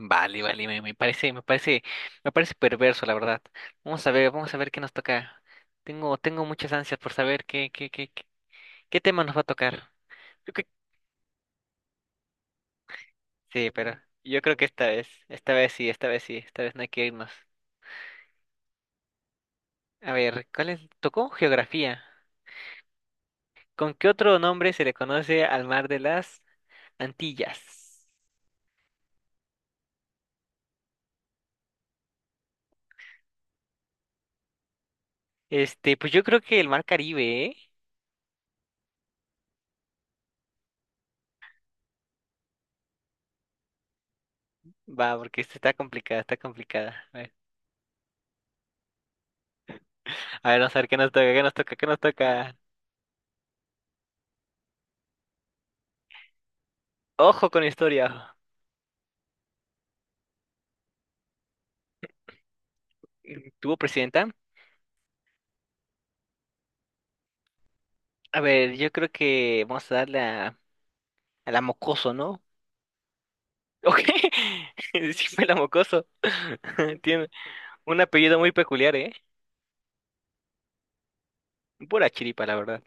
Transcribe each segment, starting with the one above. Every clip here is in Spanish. Vale, vale, me parece perverso, la verdad. Vamos a ver qué nos toca. Tengo muchas ansias por saber qué tema nos va a tocar. Yo creo- Sí, pero yo creo que esta vez no hay que irnos. A ver, ¿cuál es? Tocó geografía. ¿Con qué otro nombre se le conoce al mar de las Antillas? Pues yo creo que el mar Caribe, ¿eh? Va, porque esta está complicada. A ver, vamos a ver qué nos toca. Ojo con la historia. ¿Tuvo presidenta? A ver, yo creo que vamos a a la mocoso, ¿no? Ok, sí fue la mocoso. Tiene un apellido muy peculiar, ¿eh? Pura chiripa, la verdad.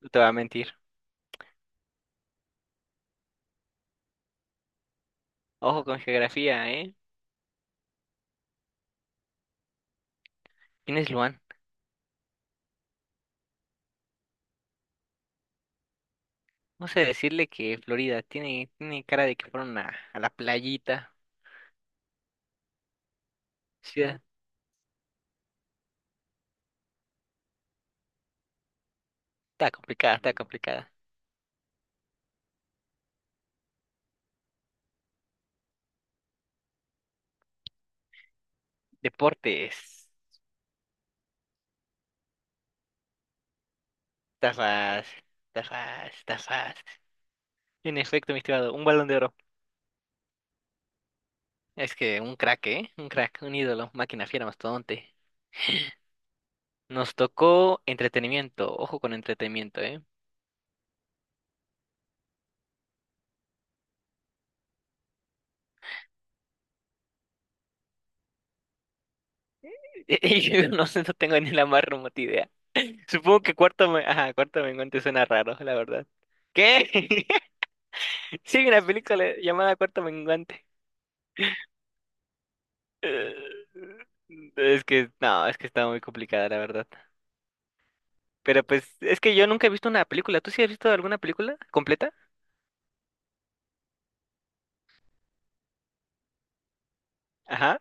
No te voy a mentir. Ojo con geografía, ¿eh? ¿Quién es Luan? Vamos a decirle que Florida tiene cara de que fueron a la playita. Ciudad. Está complicada, está complicada. Deportes. Está fácil, Está fácil. En efecto, mi estimado, un balón de oro. Es que un crack, ¿eh? Un crack, un ídolo, máquina fiera, mastodonte. Nos tocó entretenimiento, ojo con entretenimiento, ¿eh? Yo no sé, no tengo ni la más remota idea. Supongo que Ajá, cuarto menguante suena raro, la verdad. ¿Qué? Sí, hay una película llamada Cuarto Menguante. Es que, no, es que está muy complicada, la verdad. Pero pues, es que yo nunca he visto una película. ¿Tú sí has visto alguna película completa? Ajá.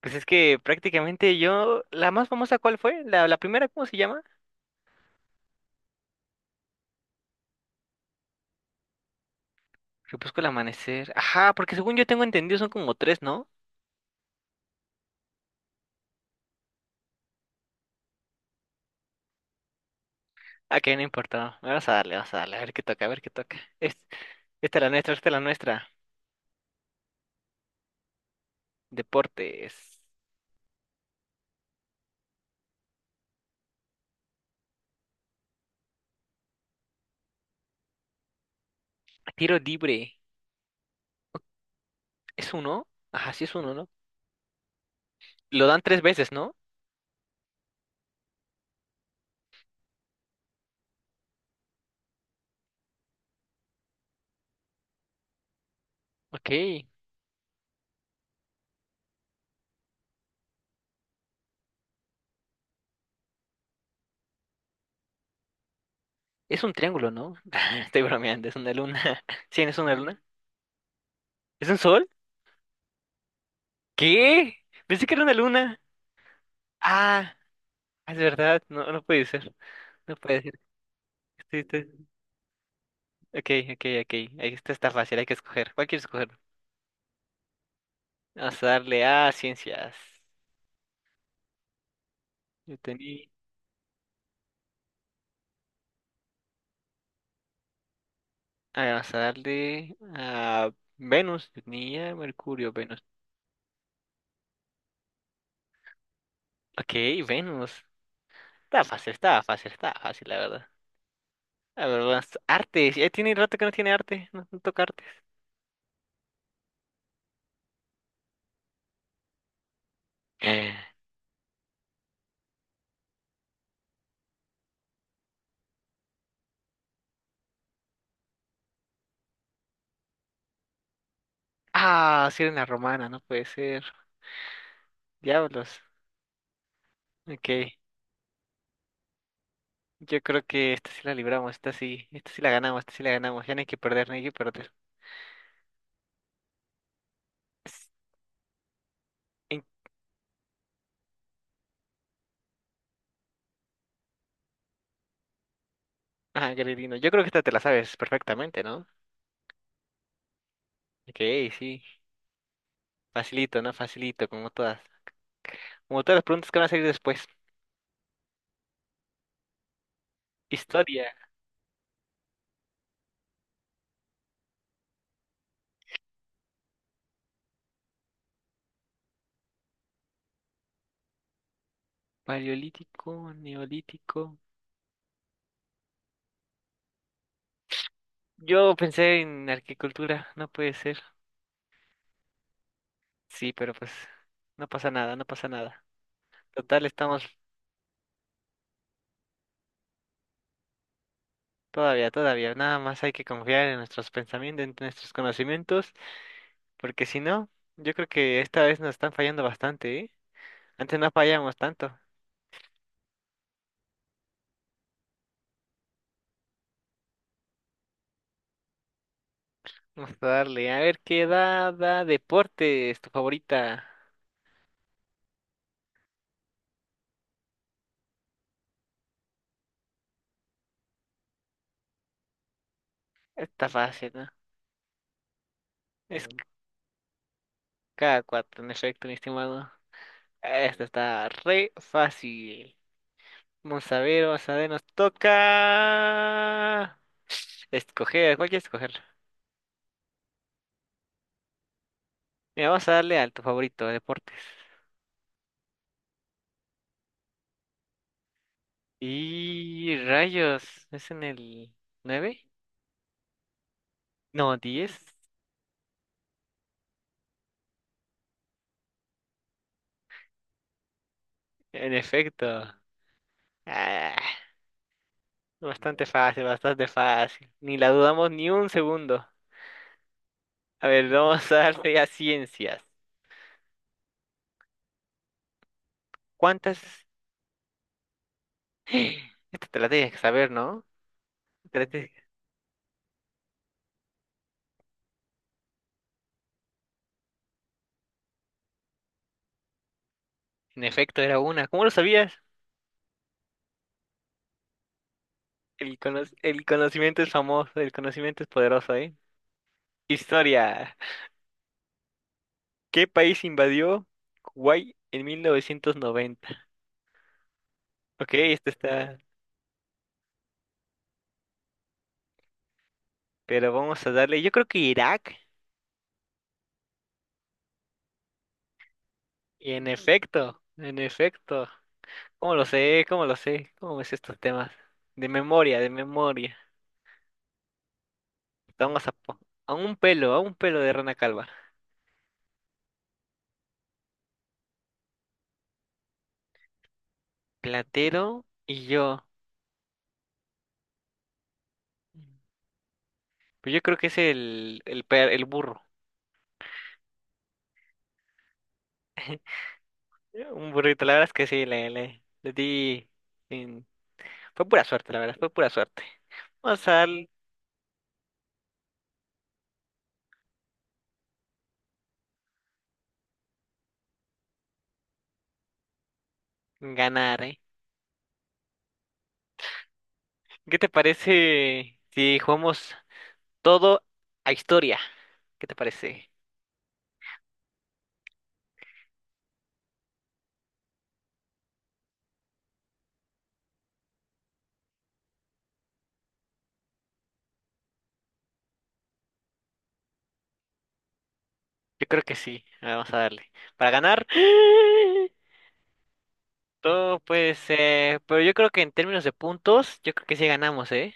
Pues es que prácticamente yo, la más famosa, ¿cuál fue? La primera, ¿cómo se llama? Crepúsculo amanecer. Ajá, porque según yo tengo entendido son como tres, ¿no? Ah, que no importa. Vamos a darle. A ver qué toca. Esta es la nuestra, esta es la nuestra. Deportes. Tiro libre. ¿Es uno? Ajá, sí es uno, ¿no? Lo dan tres veces, ¿no? Ok. Es un triángulo, ¿no? Estoy bromeando, es una luna. ¿Sí, es una luna? ¿Es un sol? ¿Qué? Pensé que era una luna. Ah, es verdad. No, no puede ser. No puede ser. Sí, estoy- Ok, ok, ok. Esta está fácil, hay que escoger. ¿Cuál quieres escoger? Vamos a darle a ciencias. Yo tenía. Ah, vamos a darle a Venus. Yo tenía Mercurio, Venus. Ok, Venus. Está fácil, la verdad. A ver, más artes. Ya tiene rato que no tiene arte. No, no toca artes. Eh, Ah, la romana, no puede ser. Diablos. Ok. Yo creo que esta sí la libramos, esta sí la ganamos. Ya no hay que perder, no hay que perder. S- en- Ah, Gredino. Yo creo que esta te la sabes perfectamente, ¿no? Ok, sí. Facilito, ¿no? Facilito, como todas. Como todas las preguntas que van a salir después. Historia. Paleolítico, neolítico. Yo pensé en arquitectura, no puede ser. Sí, pero pues no pasa nada, no pasa nada. Total, estamos todavía, todavía. Nada más hay que confiar en nuestros pensamientos, en nuestros conocimientos, porque si no, yo creo que esta vez nos están fallando bastante, ¿eh? Antes no fallamos tanto. Vamos a darle, a ver qué da, da deporte es tu favorita. Está fácil, ¿no? Es Cada cuatro, en efecto, mi estimado. Esta está re fácil. Nos toca escoger. ¿Cuál quieres escoger? Mira, vamos a darle al tu favorito, deportes. Y rayos, ¿es en el 9 No, diez. En efecto. Ah, bastante fácil, bastante fácil. Ni la dudamos ni un segundo. A ver, vamos a darle a ciencias. ¿Cuántas? Esta te la tienes que saber, ¿no? Te la tienes En efecto, era una. ¿Cómo lo sabías? El conocimiento es famoso, el conocimiento es poderoso, ¿eh? Historia. ¿Qué país invadió Kuwait en 1990? Ok, este está... Pero vamos a darle... Yo creo que Irak. Y en efecto, en efecto. ¿Cómo lo sé? ¿Cómo lo sé? ¿Cómo ves estos temas? De memoria, de memoria. Vamos a... po- a un pelo de rana calva. Platero y yo. Pues yo creo que es el burro. Un burrito, la verdad es que sí, le di. sin- Fue pura suerte, la verdad, fue pura suerte. Vamos a al- Ganar, ¿eh? ¿Qué te parece si jugamos todo a historia? ¿Qué te parece? Yo creo que sí, a ver, vamos a darle. Para ganar, todo pues, pero yo creo que en términos de puntos, yo creo que sí ganamos, ¿eh?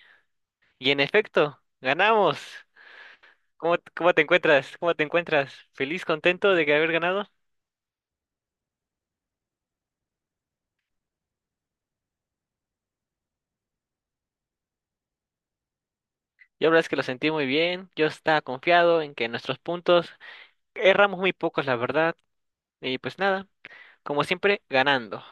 Y en efecto, ganamos. ¿Cómo, cómo te encuentras? ¿Cómo te encuentras? ¿Feliz, contento de que haber ganado? Yo la verdad es que lo sentí muy bien, yo estaba confiado en que nuestros puntos erramos muy pocos, la verdad, y pues nada, como siempre, ganando.